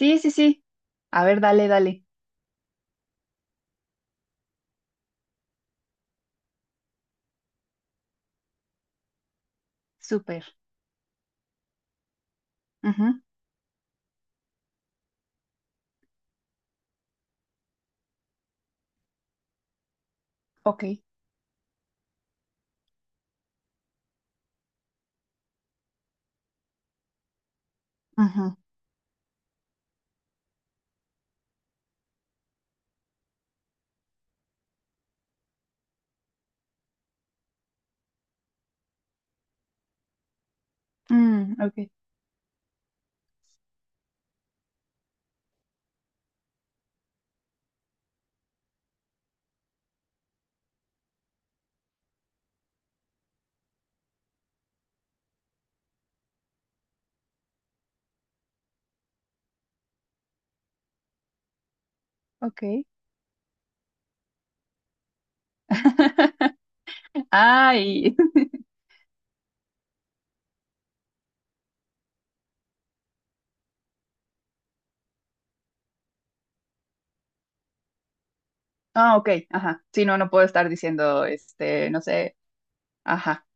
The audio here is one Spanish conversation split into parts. Sí, sí, sí. A ver, dale, dale. Súper. Ujú. Ok. Ujú. Ok. Ok. Ay. Ah, ok. Ajá. Sí, no, no puedo estar diciendo, este, no sé. Ajá.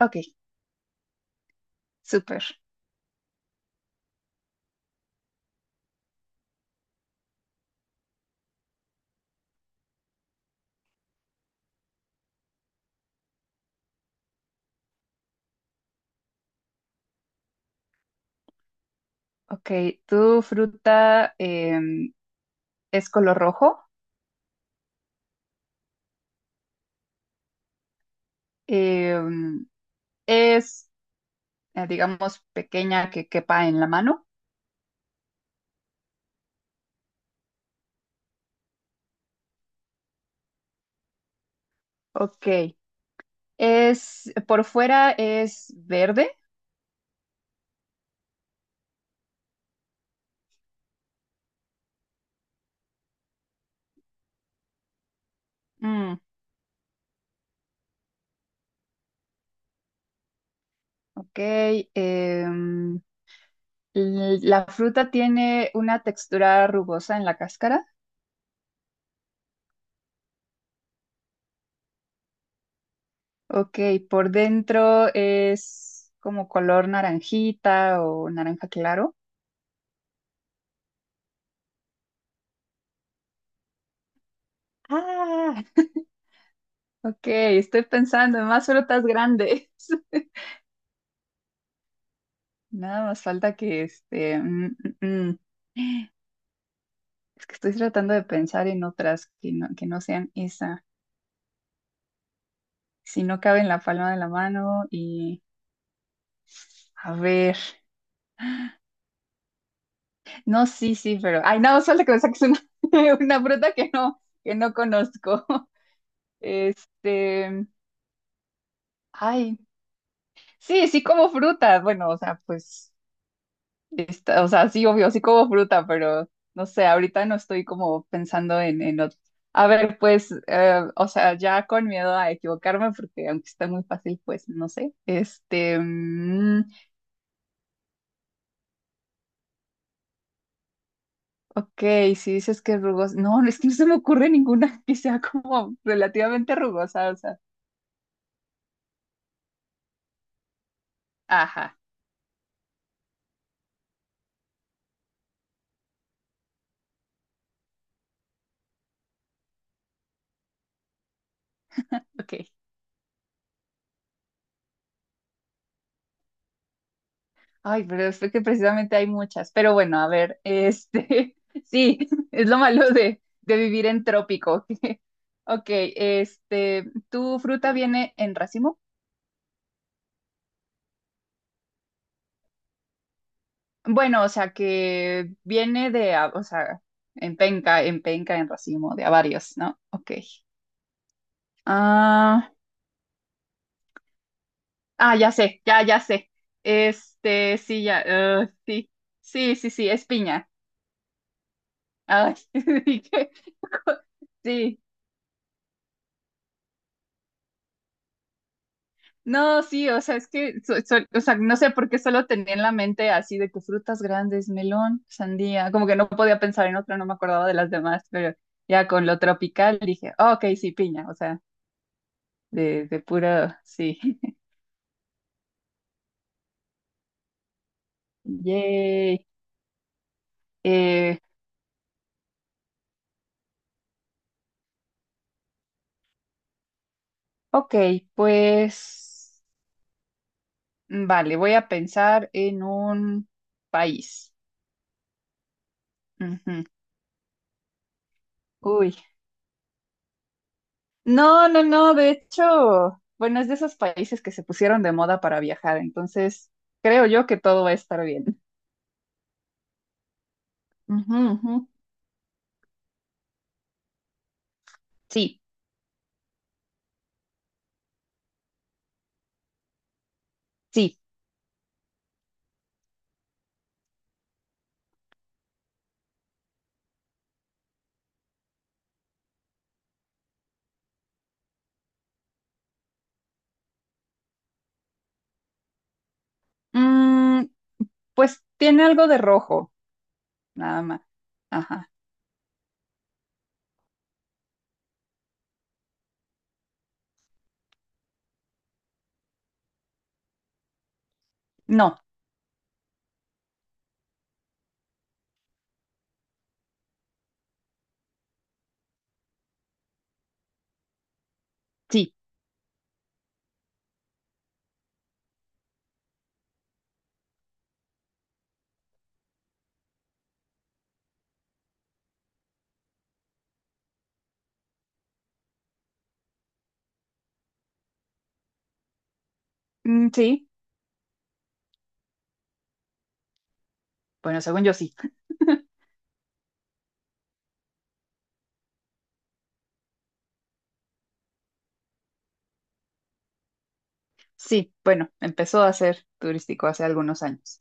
Ok. Súper. Ok. ¿Tu fruta es color rojo? Em, es, digamos, pequeña que quepa en la mano. Ok. Es, por fuera es verde. Mm, Ok, em, la fruta tiene una textura rugosa en la cáscara. Ok, por dentro es como color naranjita o naranja claro. Ah, ok, estoy pensando en más frutas grandes. Nada más falta que este... mm, mm. Es que estoy tratando de pensar en otras que no sean esa. Si no cabe en la palma de la mano y, a ver. No, sí, sí, pero. Ay, no, solo que me saques una, una fruta que no conozco. Este. Ay. Sí, sí como fruta. Bueno, o sea, pues. O sea, sí, obvio, sí como fruta, pero no sé, ahorita no estoy como pensando en. A ver, pues, o sea, ya con miedo a equivocarme, porque aunque está muy fácil, pues no sé. Este. Ok, si dices que es rugosa. No, es que no se me ocurre ninguna que sea como relativamente rugosa, o sea. Ajá. Ok. Ay, pero es que precisamente hay muchas. Pero bueno, a ver, este, sí, es lo malo de vivir en trópico. Ok, este, ¿tu fruta viene en racimo? Bueno, o sea, que viene o sea, en penca, en racimo, de a varios, ¿no? Ok. Ah, ah, ya sé, ya sé. Este, sí, ya, ah, sí, sí, sí, sí, es piña. Ay, dije, sí, no, sí, o sea, es que, o sea, no sé por qué solo tenía en la mente así de que frutas grandes, melón, sandía, como que no podía pensar en otra, no me acordaba de las demás, pero ya con lo tropical dije, "Ah, ok, sí, piña, o sea, de puro, sí. Yay. Eh, ok, pues, vale, voy a pensar en un país. Ujú. Uy, no, no, no, de hecho, bueno, es de esos países que se pusieron de moda para viajar, entonces creo yo que todo va a estar bien. Ujú, ujú. Sí, sí. Mm, pues tiene algo de rojo, nada más. Ajá. No, sí. Mm, sí. Bueno, según yo sí. Sí, bueno, empezó a ser turístico hace algunos años.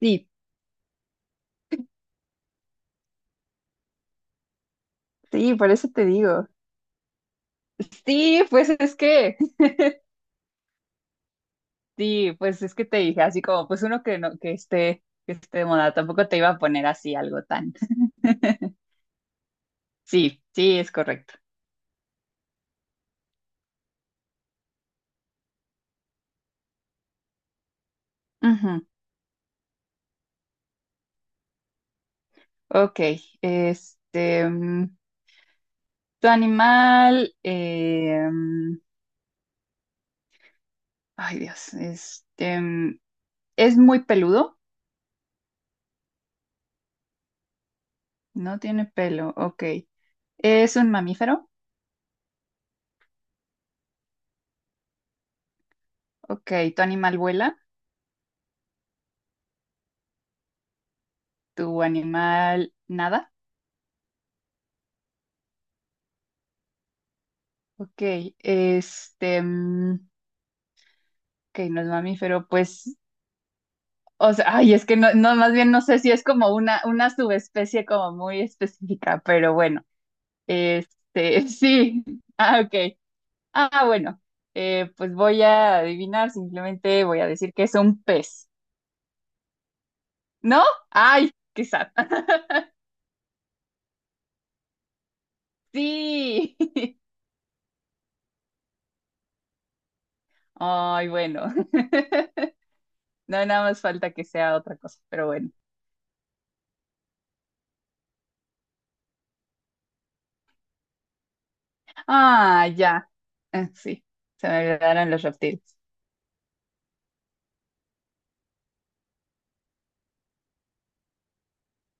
Sí, sí, por eso te digo. Sí, pues es que Sí, pues es que te dije así como, pues uno que no, que esté de moda, tampoco te iba a poner así algo tan. Sí, sí, es correcto. Ujú. Ok, este, tu animal, ay Dios, este, es muy peludo, no tiene pelo, ok. Es un mamífero, ok. Tu animal vuela, tu animal nada, ok. Este, ok, no es mamífero, pues, o sea, ay, es que no, no, más bien no sé si es como una subespecie como muy específica, pero bueno, este, sí, ah, ok, ah, bueno, pues voy a adivinar, simplemente voy a decir que es un pez, ¿no? Ay, qué sad. Sí, ay, bueno, no, nada más falta que sea otra cosa, pero bueno, ah, ya, ah, sí, se me olvidaron los reptiles,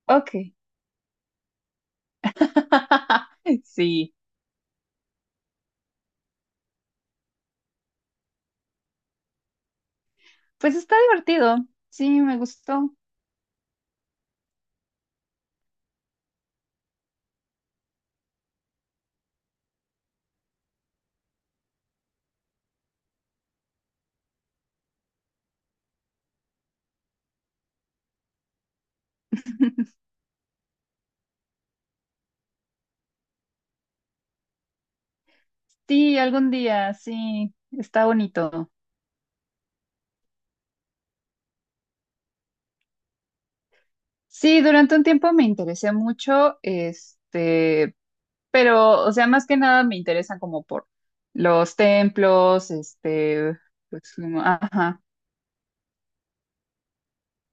ok, sí. Pues está divertido, sí, me gustó. Sí, algún día, sí, está bonito. Sí, durante un tiempo me interesé mucho, este, pero, o sea, más que nada me interesan como por los templos, este, pues, ajá.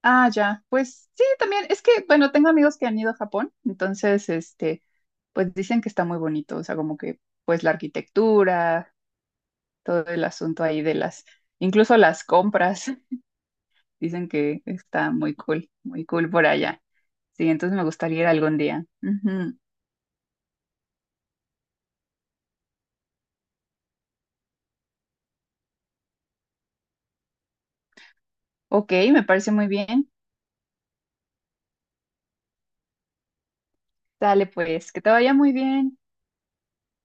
Ah, ya, pues sí, también, es que, bueno, tengo amigos que han ido a Japón, entonces, este, pues dicen que está muy bonito, o sea, como que, pues la arquitectura, todo el asunto ahí de las, incluso las compras. Dicen que está muy cool, muy cool por allá. Sí, entonces me gustaría ir algún día. Ujú. Ok, me parece muy bien. Dale pues, que te vaya muy bien.